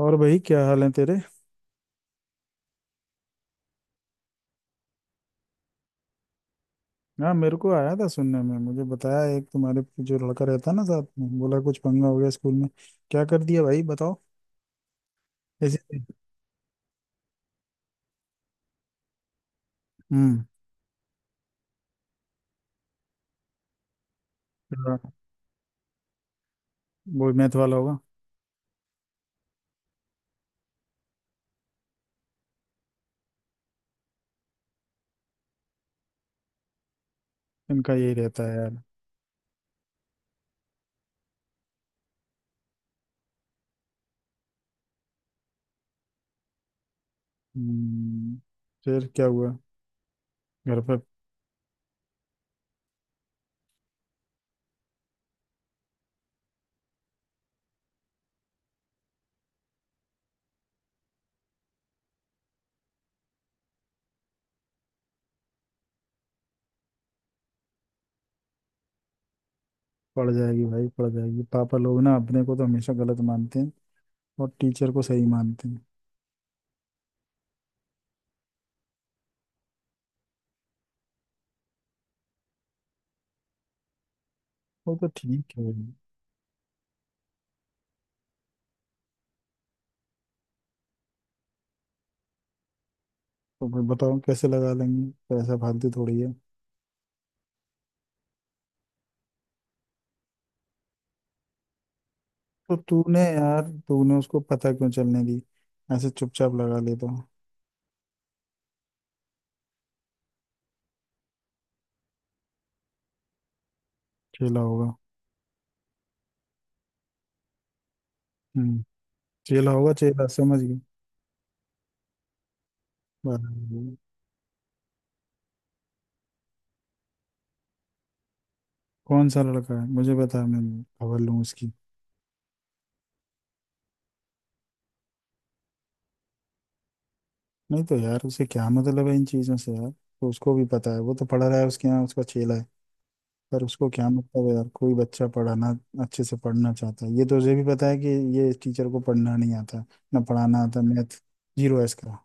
और भाई क्या हाल है तेरे? हाँ, मेरे को आया था सुनने में, मुझे बताया एक तुम्हारे जो लड़का रहता है ना साथ में, बोला कुछ पंगा हो गया स्कूल में। क्या कर दिया भाई, बताओ। ऐसे? हम्म। हाँ, वो मैथ वाला होगा। इनका यही रहता है यार। हम्म, फिर क्या हुआ? घर पे? पड़ जाएगी भाई, पड़ जाएगी। पापा लोग ना अपने को तो हमेशा गलत मानते हैं और टीचर को सही मानते हैं। वो तो ठीक है। तो फिर बताओ कैसे लगा लेंगे, पैसा फालतू थोड़ी है। तो तूने यार तूने उसको पता क्यों चलने दी? ऐसे चुपचाप लगा ले तो। चेला होगा। हम्म। चेला होगा, चेला, समझ गई। बराबर। कौन सा लड़का है मुझे बता, मैं खबर लूँ उसकी। नहीं तो यार उसे क्या मतलब है इन चीज़ों से, यार तो उसको भी पता है, वो तो पढ़ रहा है उसके यहाँ, उसका चेला है। पर उसको क्या मतलब है यार, कोई बच्चा पढ़ाना अच्छे से पढ़ना चाहता है, ये तो उसे भी पता है कि ये इस टीचर को पढ़ना नहीं आता, ना पढ़ाना आता मैथ, जीरो है इसका।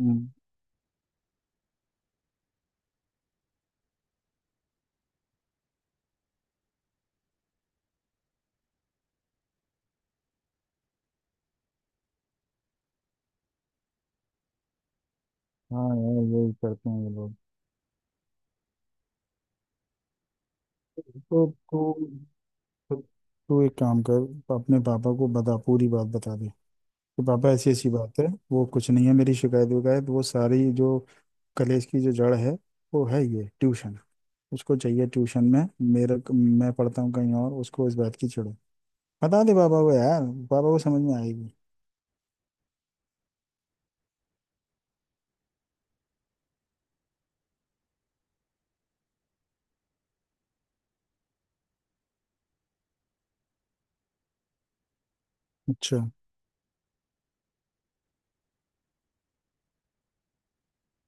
हम्म। हाँ यार, यही करते हैं ये लोग। तो तू तो तू एक काम कर, अपने पापा को बता, पूरी बात बता दे कि पापा ऐसी ऐसी बात है, वो कुछ नहीं है, मेरी शिकायत विकायत, वो सारी जो कलेश की जो जड़ है वो है ये ट्यूशन। उसको चाहिए ट्यूशन में मेरा, मैं पढ़ता हूँ कहीं और, उसको इस बात की चिढ़ है। बता दे पापा को यार, पापा को समझ में आएगी। अच्छा।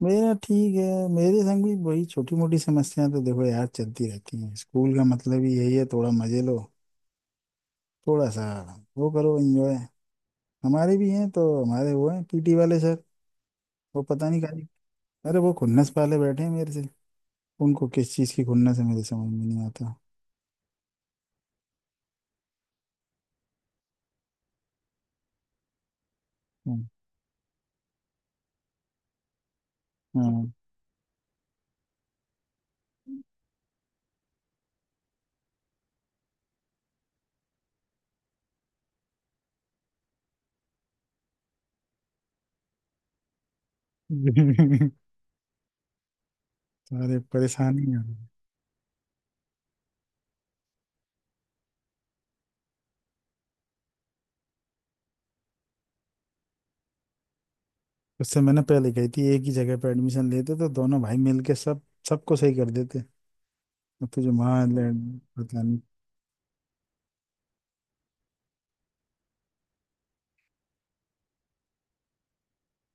मेरा ठीक है। मेरे संग भी वही छोटी मोटी समस्याएं तो देखो यार चलती रहती हैं, स्कूल का मतलब ही यही है, थोड़ा मजे लो, थोड़ा सा वो करो, एंजॉय। हमारे भी हैं, तो हमारे वो हैं पीटी वाले सर। वो पता नहीं खाली, अरे वो खुन्नस पाले बैठे हैं मेरे से, उनको किस चीज़ की खुन्नस है मेरे समझ में नहीं आता। हम्म, हाँ। सारे परेशानी है। उससे मैंने पहले कही थी एक ही जगह पे एडमिशन लेते तो दोनों भाई मिलके सब, सबको सही कर देते। अब तुझे वहाँ पता नहीं।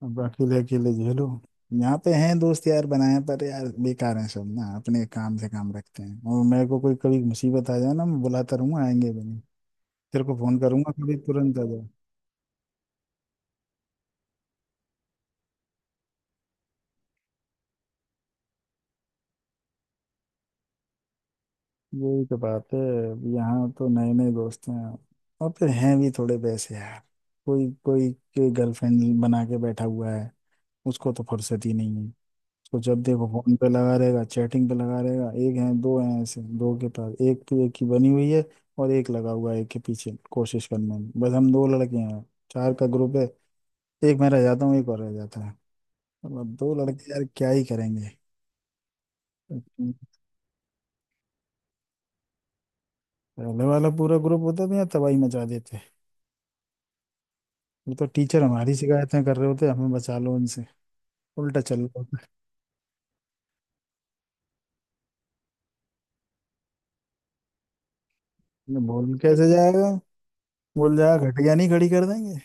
अब अकेले अकेले झेलो। यहाँ पे हैं दोस्त यार बनाए, पर यार बेकार हैं सब ना, अपने काम से काम रखते हैं, और मेरे को कोई कभी मुसीबत आ जाए ना, मैं बुलाता रहूंगा आएंगे भी नहीं। तेरे को फोन करूंगा कभी, तुरंत आ जाओ। यही तो बात है। अब यहाँ तो नए नए दोस्त हैं, और फिर हैं भी थोड़े वैसे यार, कोई कोई के गर्लफ्रेंड बना के बैठा हुआ है, उसको तो फुर्सत ही नहीं है, उसको जब देखो फोन पे लगा रहेगा, चैटिंग पे लगा रहेगा। एक है, दो हैं ऐसे, दो के पास एक तो एक की बनी हुई है, और एक लगा हुआ है एक के पीछे कोशिश करने में। बस हम दो लड़के हैं, चार का ग्रुप है, एक मैं रह जाता हूँ, एक और रह जाता है। अब दो लड़के यार क्या ही करेंगे। पहले वाला पूरा ग्रुप होता था यार, तबाही मचा देते। वो तो टीचर हमारी शिकायतें कर रहे होते हमें बचा लो उनसे। उल्टा चल रहा होता है। बोल कैसे जाएगा, बोल जाएगा, घटिया नहीं खड़ी कर देंगे।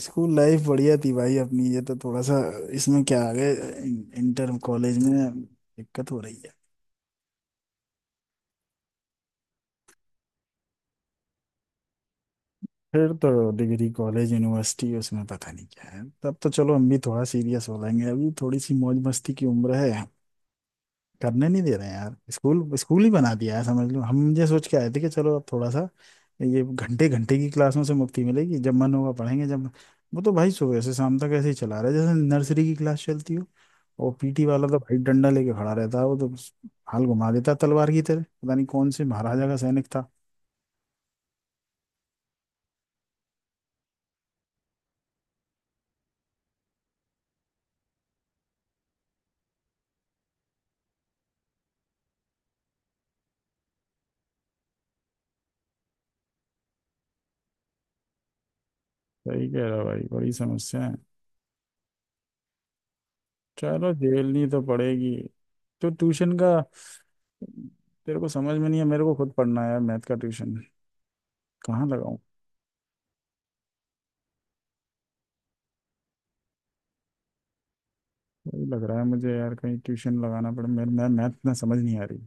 स्कूल लाइफ बढ़िया थी भाई अपनी, ये तो थोड़ा सा इसमें क्या आ गए, इंटर कॉलेज में दिक्कत हो रही है। फिर तो डिग्री कॉलेज यूनिवर्सिटी, उसमें पता नहीं क्या है, तब तो चलो हम भी थोड़ा सीरियस हो लेंगे, अभी थोड़ी सी मौज मस्ती की उम्र है, करने नहीं दे रहे हैं यार। स्कूल स्कूल ही बना दिया है समझ लो, हम ये सोच के आए थे कि चलो अब थोड़ा सा ये घंटे घंटे की क्लासों से मुक्ति मिलेगी, जब मन होगा पढ़ेंगे, जब वो तो भाई सुबह से शाम तक ऐसे ही चला रहा है जैसे नर्सरी की क्लास चलती हो। और पीटी वाला तो भाई डंडा लेके खड़ा रहता है, वो तो हाल घुमा देता है तलवार की तरह, पता नहीं कौन से महाराजा का सैनिक था। सही कह रहा भाई, बड़ी समस्या है। चलो झेलनी तो पड़ेगी। तो ट्यूशन का तेरे को समझ में नहीं है, मेरे को खुद पढ़ना है यार मैथ का ट्यूशन। कहाँ लगाऊं? वही लग रहा है मुझे यार, कहीं ट्यूशन लगाना पड़े, मैं मैथ ना समझ नहीं आ रही।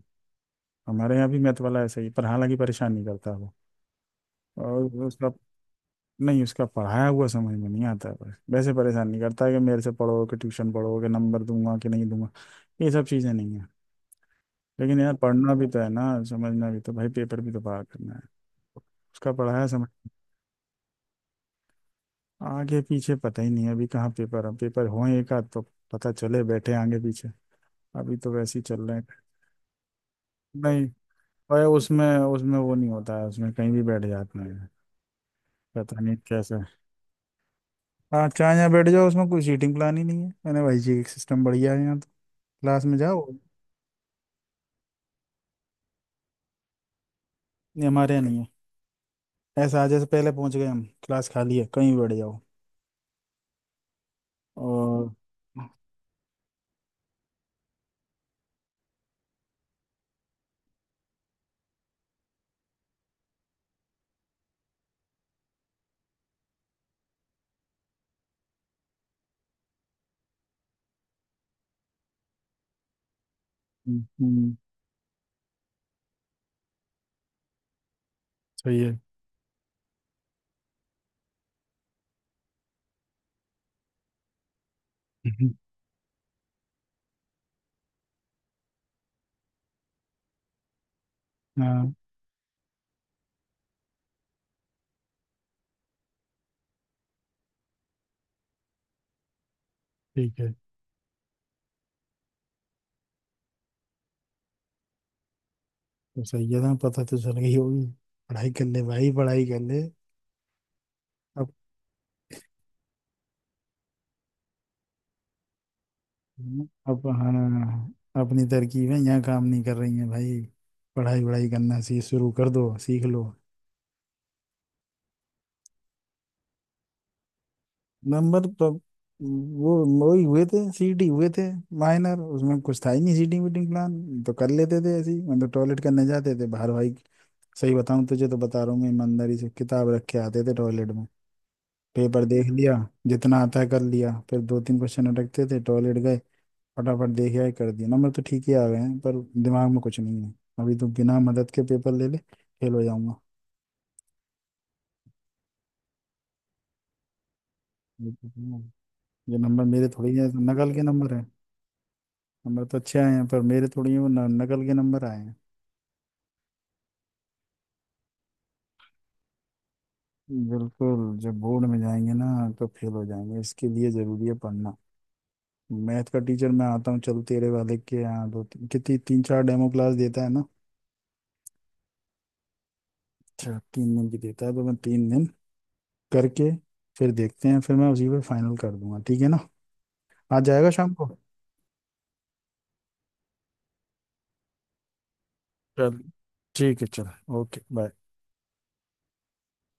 हमारे यहाँ भी मैथ वाला ऐसा ही है, पर हालांकि परेशान नहीं करता वो। और उसका नहीं, उसका पढ़ाया हुआ समझ में नहीं आता है बस, वैसे परेशान नहीं करता है कि मेरे से पढ़ो कि ट्यूशन पढ़ो कि नंबर दूंगा कि नहीं दूंगा, ये सब चीज़ें नहीं है। लेकिन यार पढ़ना भी तो है ना, समझना भी तो भाई, पेपर भी तो पार करना है। उसका पढ़ाया समझ आगे पीछे पता ही नहीं है, अभी कहाँ पेपर है, पेपर हो एक आध तो पता चले बैठे आगे पीछे। अभी तो वैसे ही चल रहे हैं। नहीं भाई, उसमें उसमें वो नहीं होता है, उसमें कहीं भी बैठ जाते हैं। पता नहीं कैसे। हाँ चाहे यहाँ बैठ जाओ, उसमें कोई सीटिंग प्लान ही नहीं है मैंने भाई जी, एक सिस्टम बढ़िया है यहाँ तो। क्लास में जाओ। नहीं हमारे यहाँ नहीं है ऐसा, आज से पहले पहुंच गए हम, क्लास खाली है, कहीं भी बैठ जाओ। और? हम्म। हम्म, सही है। हम्म, हाँ ठीक है। तो सही है ना, पता तो चल गई होगी। पढ़ाई कर ले भाई, पढ़ाई कर ले। अब अब हाँ अपनी तरकीब है यहाँ काम नहीं कर रही है भाई। पढ़ाई वढ़ाई करना सी शुरू कर दो, सीख लो। नंबर तो वो वही हुए थे, सीटी हुए थे, माइनर। उसमें कुछ था ही नहीं, सीटिंग वीटिंग प्लान तो कर लेते थे ऐसे ही, मतलब टॉयलेट करने जाते थे बाहर भाई। सही बताऊं तुझे, तो बता रहा हूँ मैं ईमानदारी से, किताब रख के आते थे टॉयलेट में, पेपर देख लिया, जितना आता है कर लिया, फिर दो तीन क्वेश्चन अटकते थे, टॉयलेट गए फटाफट देख यार कर दिया। नंबर तो ठीक ही आ गए हैं, पर दिमाग में कुछ नहीं है, अभी तो बिना मदद के पेपर ले ले फेल हो जाऊंगा। ये तो है। ये नंबर मेरे थोड़ी है, नकल के नंबर है। नंबर तो अच्छे आए हैं पर मेरे थोड़ी हैं वो, नकल के नंबर आए हैं। बिल्कुल जब बोर्ड में जाएंगे ना तो फेल हो जाएंगे, इसके लिए जरूरी है पढ़ना। मैथ का टीचर, मैं आता हूँ चल तेरे वाले के यहाँ, दो तीन, कितनी, तीन चार डेमो क्लास देता है ना? अच्छा 3 दिन की देता है, तो मैं 3 दिन करके फिर देखते हैं, फिर मैं उसी पर फाइनल कर दूंगा, ठीक है ना। आज जाएगा शाम को। चल ठीक है, चल। Okay, bye.